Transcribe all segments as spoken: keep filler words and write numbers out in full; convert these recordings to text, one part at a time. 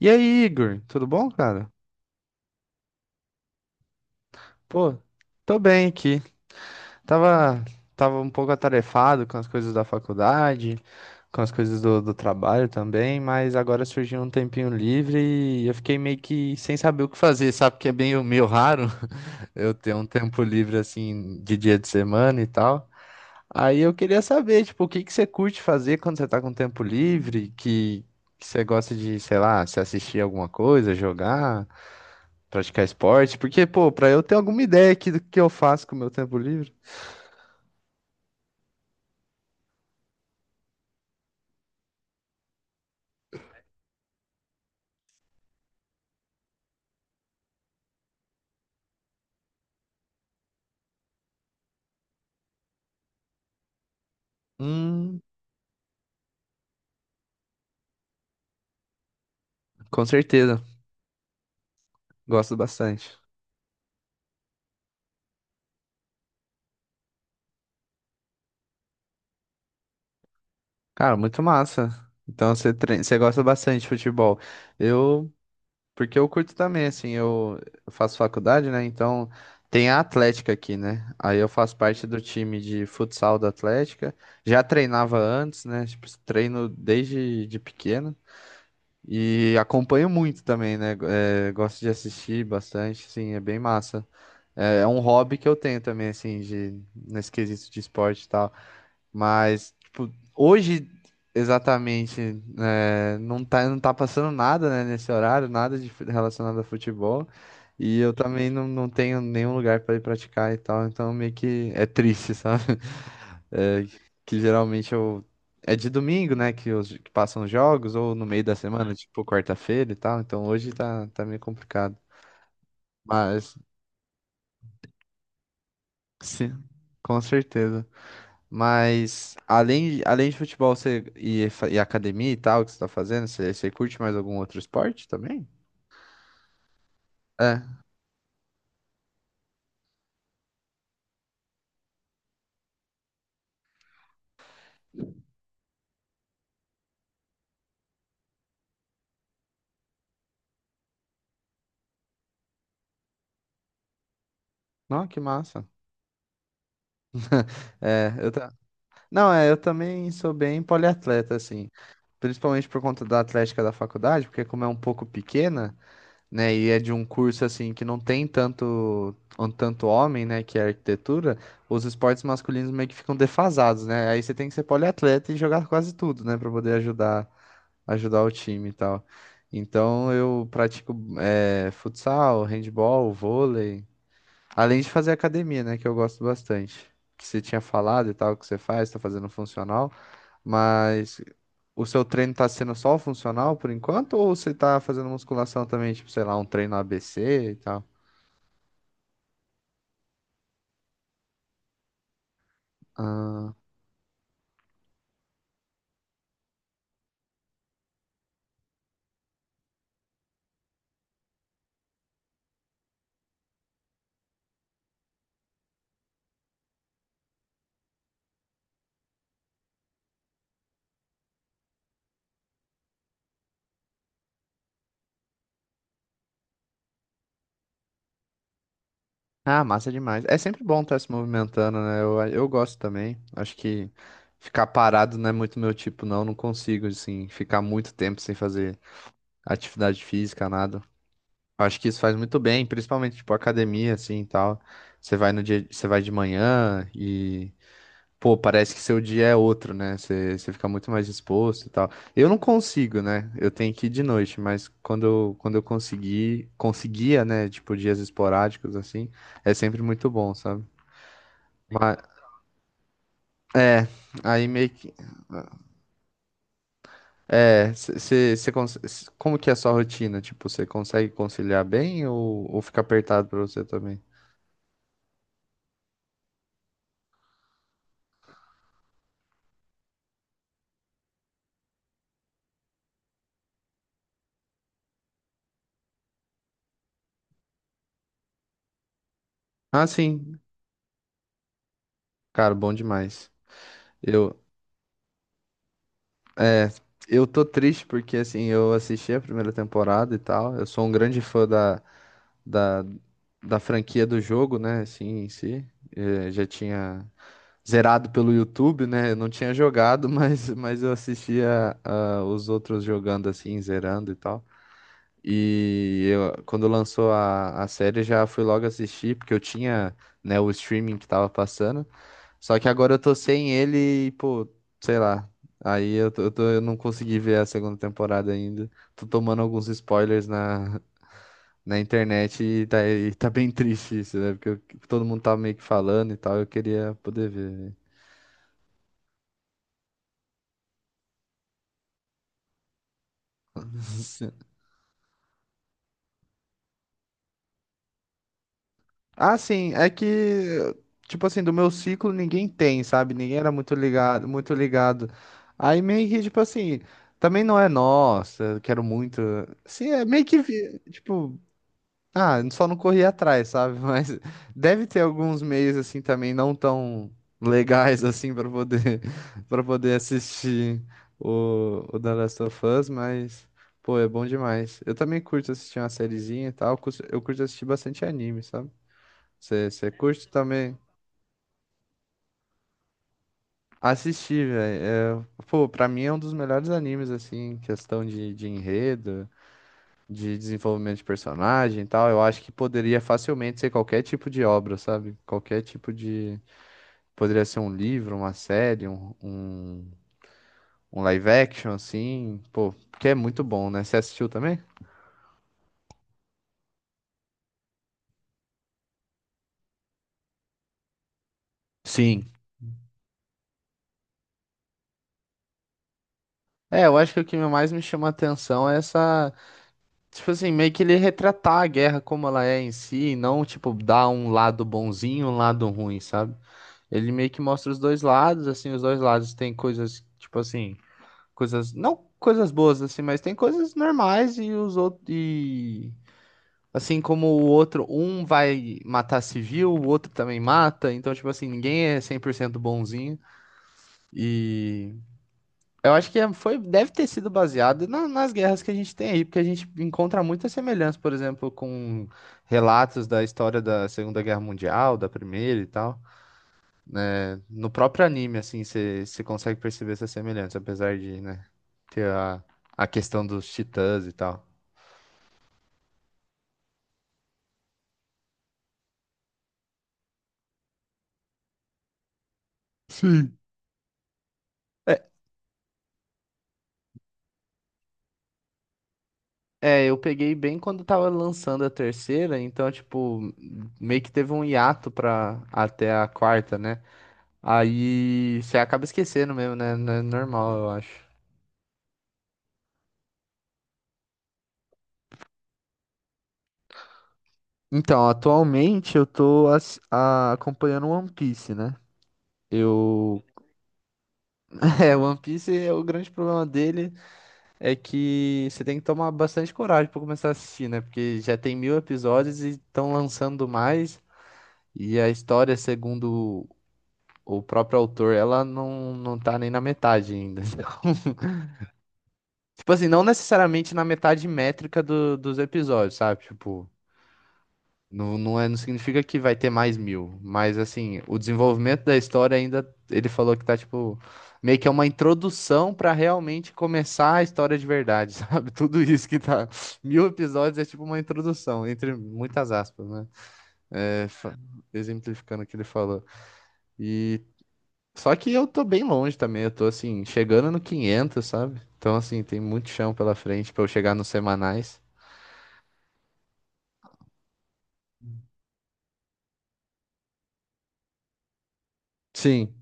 E aí, Igor, tudo bom, cara? Pô, tô bem aqui. Tava, tava um pouco atarefado com as coisas da faculdade, com as coisas do, do trabalho também, mas agora surgiu um tempinho livre e eu fiquei meio que sem saber o que fazer, sabe? Porque é meio, meio raro eu ter um tempo livre assim de dia de semana e tal. Aí eu queria saber, tipo, o que que você curte fazer quando você tá com tempo livre, que, que você gosta de, sei lá, se assistir alguma coisa, jogar. Praticar esporte? Porque, pô, pra eu ter alguma ideia aqui do que eu faço com o meu tempo livre. Hum, com certeza. Gosto bastante. Cara, muito massa. Então você treina, você gosta bastante de futebol. Eu, porque eu curto também, assim, eu eu faço faculdade, né? Então tem a Atlética aqui, né? Aí eu faço parte do time de futsal da Atlética. Já treinava antes, né? Tipo, treino desde de pequeno. E acompanho muito também, né? É, gosto de assistir bastante, sim, é bem massa. É, é um hobby que eu tenho também, assim, de, nesse quesito de esporte e tal. Mas, tipo, hoje, exatamente, é, não tá, não tá passando nada, né, nesse horário, nada de, fu- relacionado a futebol. E eu também não, não tenho nenhum lugar para ir praticar e tal. Então, meio que é triste, sabe? É, que geralmente eu. É de domingo, né, que, os, que passam os jogos, ou no meio da semana, tipo quarta-feira e tal. Então, hoje tá, tá meio complicado. Mas, sim, com certeza. Mas além, além de futebol você, e, fa- e academia e tal que você tá fazendo, você, você curte mais algum outro esporte também? É. Não, que massa. É, eu ta... Não, é, eu também sou bem poliatleta, assim. Principalmente por conta da atlética da faculdade, porque como é um pouco pequena, né, e é de um curso, assim, que não tem tanto, um tanto homem, né, que é arquitetura, os esportes masculinos meio que ficam defasados, né? Aí você tem que ser poliatleta e jogar quase tudo, né, pra poder ajudar ajudar o time e tal. Então eu pratico eh, futsal, handball, vôlei, além de fazer academia, né, que eu gosto bastante. Que você tinha falado e tal, que você faz, tá fazendo funcional, mas o seu treino tá sendo só o funcional por enquanto ou você tá fazendo musculação também, tipo, sei lá, um treino A B C e tal? Ah, ah, massa demais. É sempre bom estar se movimentando, né? Eu, eu gosto também. Acho que ficar parado não é muito meu tipo, não. Não consigo, assim, ficar muito tempo sem fazer atividade física, nada. Eu acho que isso faz muito bem, principalmente tipo academia assim e tal. Você vai no dia, você vai de manhã e pô, parece que seu dia é outro, né? Você, você fica muito mais disposto e tal. Eu não consigo, né? Eu tenho que ir de noite, mas quando eu, quando eu consegui, conseguia, né, tipo dias esporádicos assim, é sempre muito bom, sabe? Mas é, aí meio que é, você, como que é a sua rotina? Tipo, você consegue conciliar bem ou, ou fica apertado pra você também? Ah, sim. Cara, bom demais. Eu, é, eu tô triste porque, assim, eu assisti a primeira temporada e tal. Eu sou um grande fã da, da, da franquia do jogo, né? Assim, em si. Eh, já tinha zerado pelo YouTube, né? Eu não tinha jogado, mas, mas eu assistia ah, os outros jogando, assim, zerando e tal. E eu, quando lançou a, a série, já fui logo assistir, porque eu tinha, né, o streaming que tava passando. Só que agora eu tô sem ele e, pô, sei lá. Aí eu, tô- eu, tô- eu não consegui ver a segunda temporada ainda. Tô tomando alguns spoilers na, na internet e tá, e tá bem triste isso, né? Porque eu- todo mundo tá meio que falando e tal. Eu queria poder ver, velho. Ah, sim, é que, tipo assim, do meu ciclo ninguém tem, sabe? Ninguém era muito ligado, muito ligado. Aí meio que, tipo assim, também não é nossa, eu quero muito. Assim, é meio que, vi- tipo. Ah, só não corri atrás, sabe? Mas deve ter alguns meios assim também não tão legais assim para poder para poder assistir o, o The Last of Us, mas pô, é bom demais. Eu também curto assistir uma sériezinha e tal, cus- eu curto assistir bastante anime, sabe? Você curte também assistir, velho? É, pô, pra mim é um dos melhores animes assim, em questão de, de enredo, de desenvolvimento de personagem e tal. Eu acho que poderia facilmente ser qualquer tipo de obra, sabe? Qualquer tipo de. Poderia ser um livro, uma série, um, um, um live action, assim. Pô, porque é muito bom, né? Você assistiu também? Sim. É, eu acho que o que mais me chama a atenção é essa. Tipo assim, meio que ele retratar a guerra como ela é em si, e não, tipo, dar um lado bonzinho e um lado ruim, sabe? Ele meio que mostra os dois lados, assim. Os dois lados têm coisas, tipo assim, coisas, não coisas boas assim, mas tem coisas normais, e os outros e assim como o outro, um vai matar civil, o outro também mata. Então tipo assim, ninguém é cem por cento bonzinho, e eu acho que é- foi deve ter sido baseado na- nas guerras que a gente tem aí, porque a gente encontra muita semelhança, por exemplo, com relatos da história da Segunda Guerra Mundial, da Primeira e tal. No próprio anime, assim, você consegue perceber essa semelhança, apesar de, né, ter a, a questão dos titãs e tal. Sim. É, é, eu peguei bem quando tava lançando a terceira, então, tipo, meio que teve um hiato pra até a quarta, né? Aí você acaba esquecendo mesmo, né? Não é normal, eu acho. Então, atualmente eu tô ass- a- acompanhando One Piece, né? Eu. É, One Piece é o grande problema dele. É que você tem que tomar bastante coragem pra começar a assistir, né? Porque já tem mil episódios e estão lançando mais. E a história, segundo o próprio autor, ela não, não tá nem na metade ainda. Tipo assim, não necessariamente na metade métrica do- dos episódios, sabe? Tipo. Não, não é, não significa que vai ter mais mil, mas assim, o desenvolvimento da história ainda, ele falou que tá tipo, meio que é uma introdução pra realmente começar a história de verdade, sabe? Tudo isso que tá, mil episódios é tipo uma introdução, entre muitas aspas, né? É, fa- exemplificando o que ele falou. E só que eu tô bem longe também, eu tô assim, chegando no quinhentos, sabe? Então assim, tem muito chão pela frente pra eu chegar nos semanais. Sim.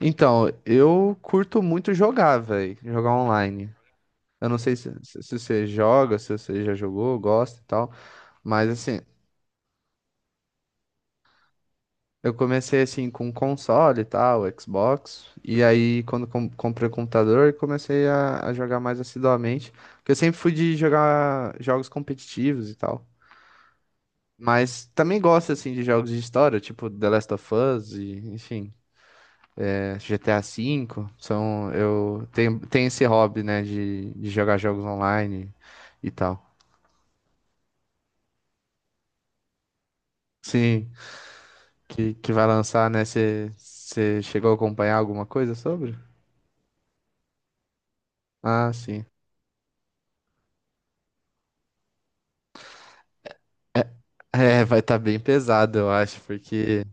Então, eu curto muito jogar, velho. Jogar online. Eu não sei se, se se você joga, se você já jogou, gosta e tal. Mas assim, eu comecei assim com console e tal, Xbox. E aí, quando com- comprei o computador, eu comecei a, a jogar mais assiduamente. Porque eu sempre fui de jogar jogos competitivos e tal. Mas também gosto assim de jogos de história, tipo The Last of Us, e, enfim. G T A cinco, são, eu tenho, tenho esse hobby, né, de, de jogar jogos online e tal. Sim, que, que vai lançar, né? Você chegou a acompanhar alguma coisa sobre? Ah, sim. É, é, vai estar bem pesado, eu acho, porque,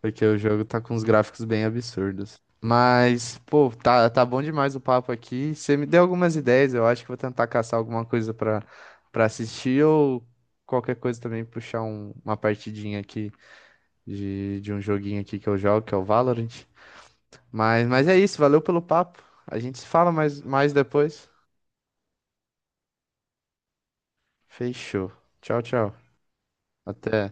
porque o jogo tá com uns gráficos bem absurdos. Mas, pô, tá, tá bom demais o papo aqui. Você me deu algumas ideias, eu acho que vou tentar caçar alguma coisa pra para assistir ou qualquer coisa, também puxar um- uma partidinha aqui de, de um joguinho aqui que eu jogo, que é o Valorant. Mas, mas é isso, valeu pelo papo. A gente se fala mais, mais depois. Fechou. Tchau, tchau. Até.